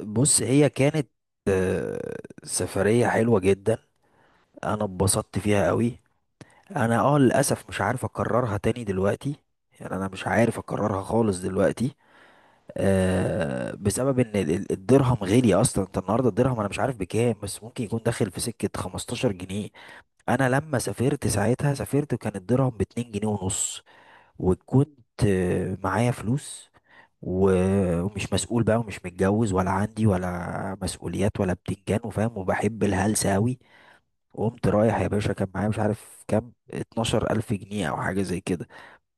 بص هي كانت آه، سفرية حلوة جدا. انا اتبسطت فيها قوي. انا للاسف مش عارف اكررها تاني دلوقتي. يعني انا مش عارف اكررها خالص دلوقتي. بسبب ان الدرهم غالي اصلا. انت النهارده الدرهم انا مش عارف بكام، بس ممكن يكون داخل في سكة 15 جنيه. انا لما سافرت ساعتها سافرت وكان الدرهم ب 2 جنيه ونص، وكنت معايا فلوس، ومش مسؤول بقى، ومش متجوز ولا عندي ولا مسؤوليات ولا بتنجان وفاهم، وبحب الهلسة أوي. وقمت رايح يا باشا، كان معايا مش عارف كام، 12 ألف جنيه أو حاجة زي كده.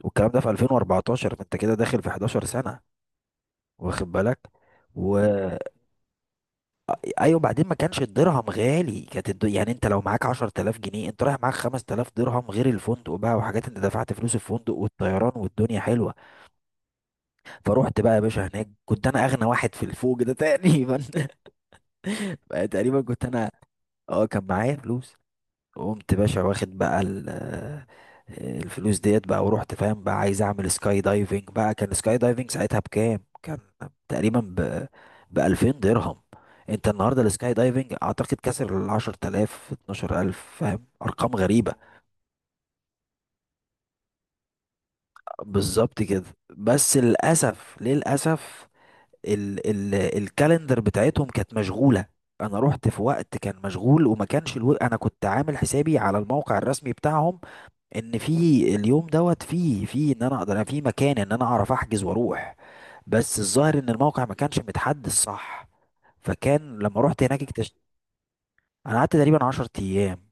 والكلام ده في 2014، فأنت كده داخل في 11 سنة، واخد بالك؟ و أيوة، بعدين ما كانش الدرهم غالي. كانت يعني أنت لو معاك 10000 جنيه أنت رايح معاك 5000 درهم غير الفندق بقى وحاجات. أنت دفعت فلوس الفندق والطيران والدنيا حلوة. فروحت بقى يا باشا هناك، كنت انا اغنى واحد في الفوج ده تقريبا بقى تقريبا كنت انا، اه كان معايا فلوس. وقمت باشا واخد بقى الفلوس ديت بقى، ورحت فاهم بقى عايز اعمل سكاي دايفنج بقى. كان سكاي دايفنج ساعتها بكام؟ كان تقريبا ب 2000 درهم. انت النهارده السكاي دايفنج اعتقد كسر ال 10000، 12000، فاهم؟ ارقام غريبة. بالظبط كده. بس للاسف للاسف ال ال الكالندر بتاعتهم كانت مشغولة. انا رحت في وقت كان مشغول، وما كانش انا كنت عامل حسابي على الموقع الرسمي بتاعهم ان في اليوم دوت، في في ان انا اقدر، أنا في مكان، ان انا اعرف احجز واروح. بس الظاهر ان الموقع ما كانش متحدث صح. فكان لما رحت هناك اكتشفت. انا قعدت تقريبا 10 ايام،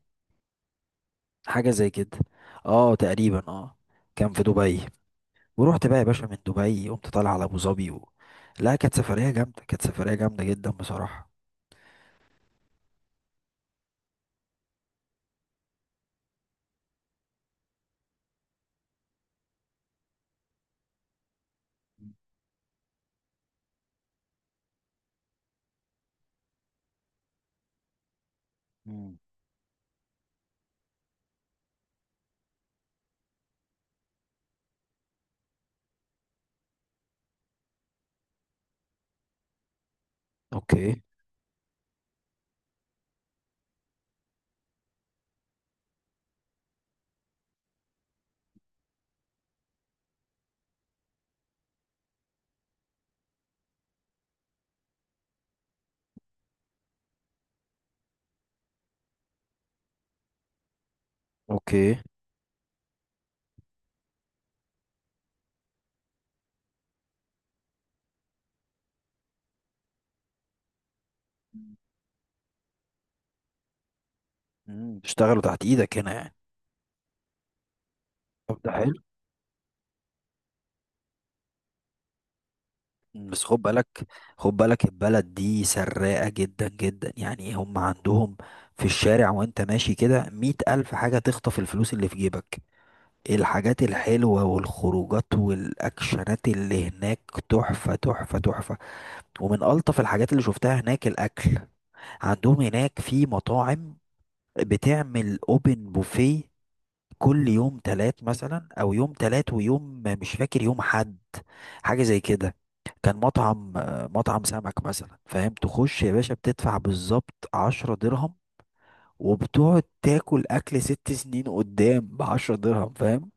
حاجة زي كده، اه تقريبا اه. كان في دبي. ورحت بقى يا باشا من دبي قمت طالع على ابو ظبي لا كانت سفرية جامدة، كانت سفرية جامدة جدا بصراحة. اوكي، اوكي. مم. اشتغلوا تحت ايدك هنا يعني. طب ده حلو. مم. بس خد بالك. خد بالك البلد دي سراقة جدا جدا، يعني هم عندهم في الشارع وانت ماشي كده مية ألف حاجة تخطف الفلوس اللي في جيبك. الحاجات الحلوة والخروجات والأكشنات اللي هناك، تحفة تحفة تحفة. ومن ألطف الحاجات اللي شفتها هناك الأكل. عندهم هناك في مطاعم بتعمل اوبن بوفيه كل يوم تلات مثلا، او يوم تلات ويوم مش فاكر يوم حد، حاجه زي كده. كان مطعم سمك مثلا، فاهم؟ تخش يا باشا بتدفع بالظبط 10 درهم، وبتقعد تاكل اكل 6 سنين قدام بعشرة درهم، فاهم؟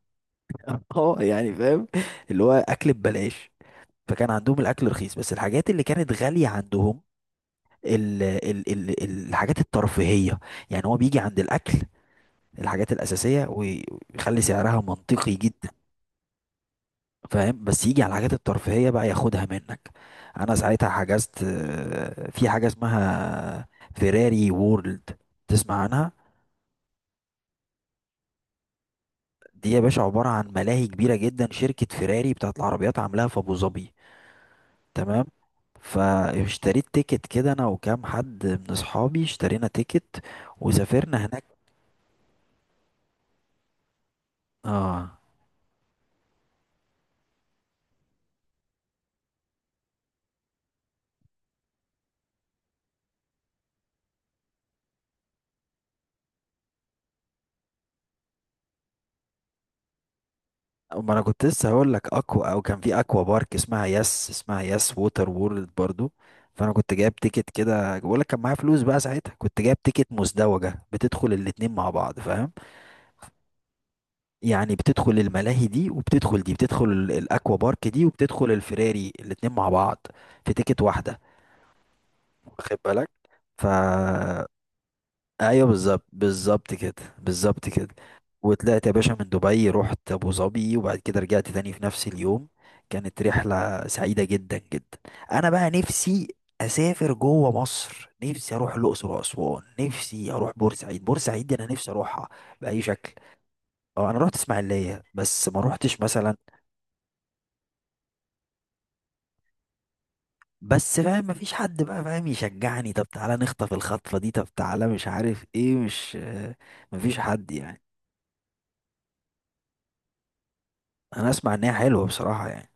اه يعني فاهم. اللي هو اكل ببلاش. فكان عندهم الاكل رخيص، بس الحاجات اللي كانت غاليه عندهم ال ال ال الحاجات الترفيهيه. يعني هو بيجي عند الاكل الحاجات الاساسيه ويخلي سعرها منطقي جدا. فاهم؟ بس يجي على الحاجات الترفيهية بقى ياخدها منك. انا ساعتها حجزت في حاجة اسمها فيراري وورلد، تسمع عنها؟ دي يا باشا عبارة عن ملاهي كبيرة جدا، شركة فيراري بتاعت العربيات عاملاها في ابو ظبي، تمام. فاشتريت تيكت كده، انا وكام حد من اصحابي اشترينا تيكت، وسافرنا هناك. اه. ما انا كنت لسه هقول لك اكوا، او كان في اكوا بارك اسمها يس ووتر وورلد برضو. فانا كنت جايب تيكت كده، بقول لك كان معايا فلوس بقى ساعتها، كنت جايب تيكت مزدوجه بتدخل الاتنين مع بعض، فاهم؟ يعني بتدخل الملاهي دي وبتدخل دي، بتدخل الاكوا بارك دي وبتدخل الفراري، الاتنين مع بعض في تيكت واحده، واخد بالك؟ ف ايوه بالظبط، بالظبط كده، بالظبط كده. وطلعت يا باشا من دبي رحت ابو ظبي وبعد كده رجعت تاني في نفس اليوم. كانت رحله سعيده جدا جدا. انا بقى نفسي اسافر جوه مصر، نفسي اروح الاقصر واسوان، نفسي اروح بورسعيد. بورسعيد دي انا نفسي اروحها باي شكل. اه انا رحت اسماعيليه بس ما رحتش مثلا. بس فاهم مفيش حد بقى فاهم يشجعني، طب تعالى نخطف الخطفه دي، طب تعالى مش عارف ايه، مش آه، مفيش حد يعني. انا اسمع ان هي حلوه بصراحه يعني.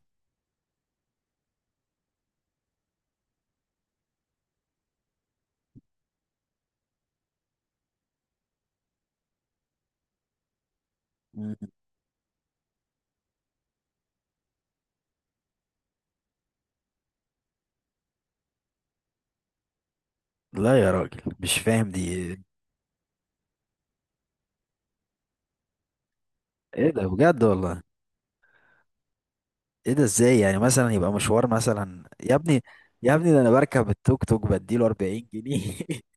مم. لا يا راجل، مش فاهم دي ايه. إيه ده بجد والله؟ ايه ده؟ ازاي يعني مثلا يبقى مشوار مثلا يا ابني؟ يا ابني ده انا بركب التوك توك بديله 40 جنيه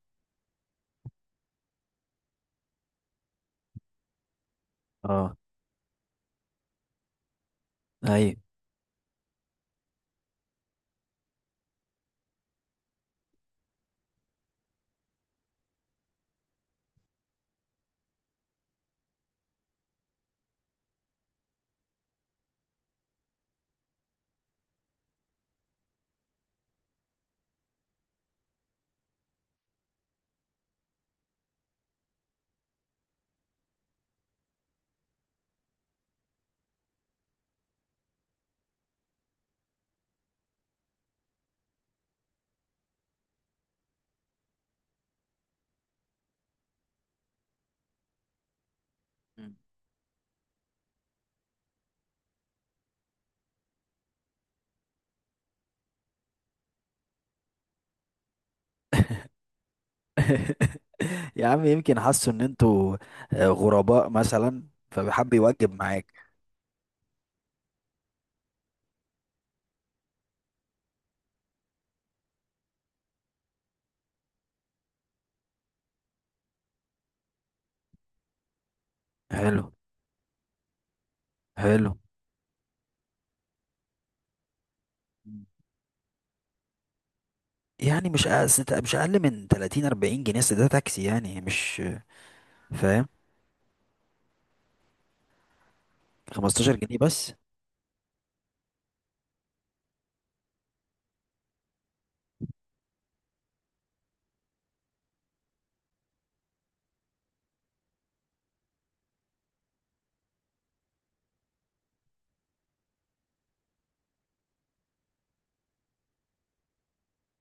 اه، ايوه. مم. يا عم يمكن حسوا ان انتوا غرباء مثلا، فحب يوجب معاك. حلو، حلو. مم. يعني مش اقل من 30، 40 جنيه، أصل ده تاكسي يعني مش فاهم. 15 جنيه بس؟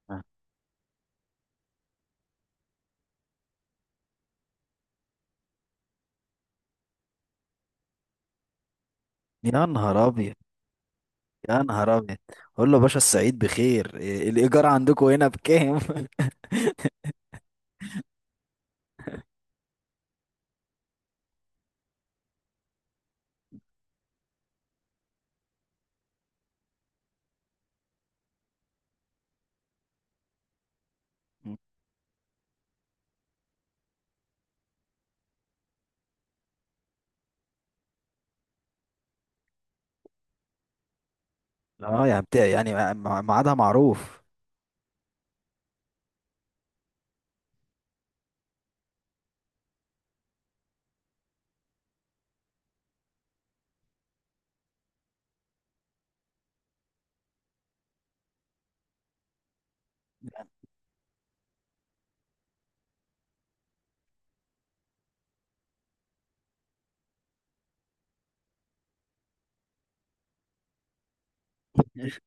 آه. يا نهار ابيض. يا نهار ابيض. قول له باشا السعيد بخير، إيه الايجار عندكم هنا بكام؟ اه يا بتاع يعني ميعادها معروف.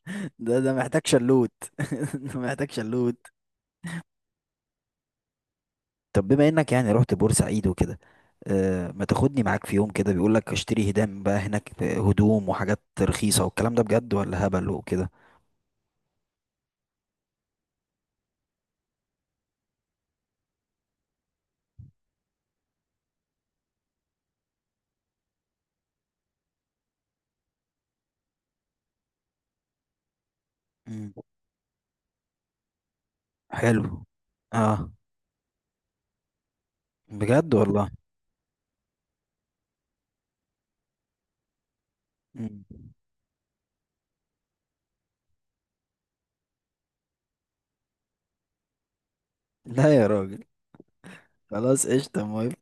ده محتاج شلوت. ده محتاج شلوت. طب بما انك يعني رحت بورسعيد وكده، ما تاخدني معاك في يوم كده، بيقول لك اشتري هدام بقى هناك، هدوم وحاجات رخيصة، والكلام ده بجد ولا هبل وكده؟ مم. حلو. اه بجد والله. مم. لا يا راجل. خلاص قشطة موافق.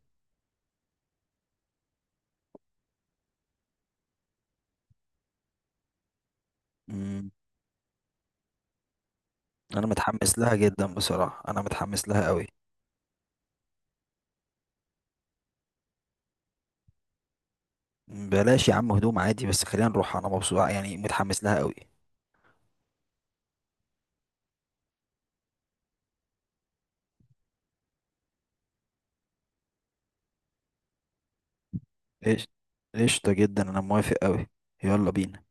مم. انا متحمس لها جدا بصراحه، انا متحمس لها قوي. بلاش يا عم هدوم، عادي بس خلينا نروح انا مبسوط يعني متحمس لها قوي. ايش. قشطه جدا، انا موافق قوي. يلا بينا.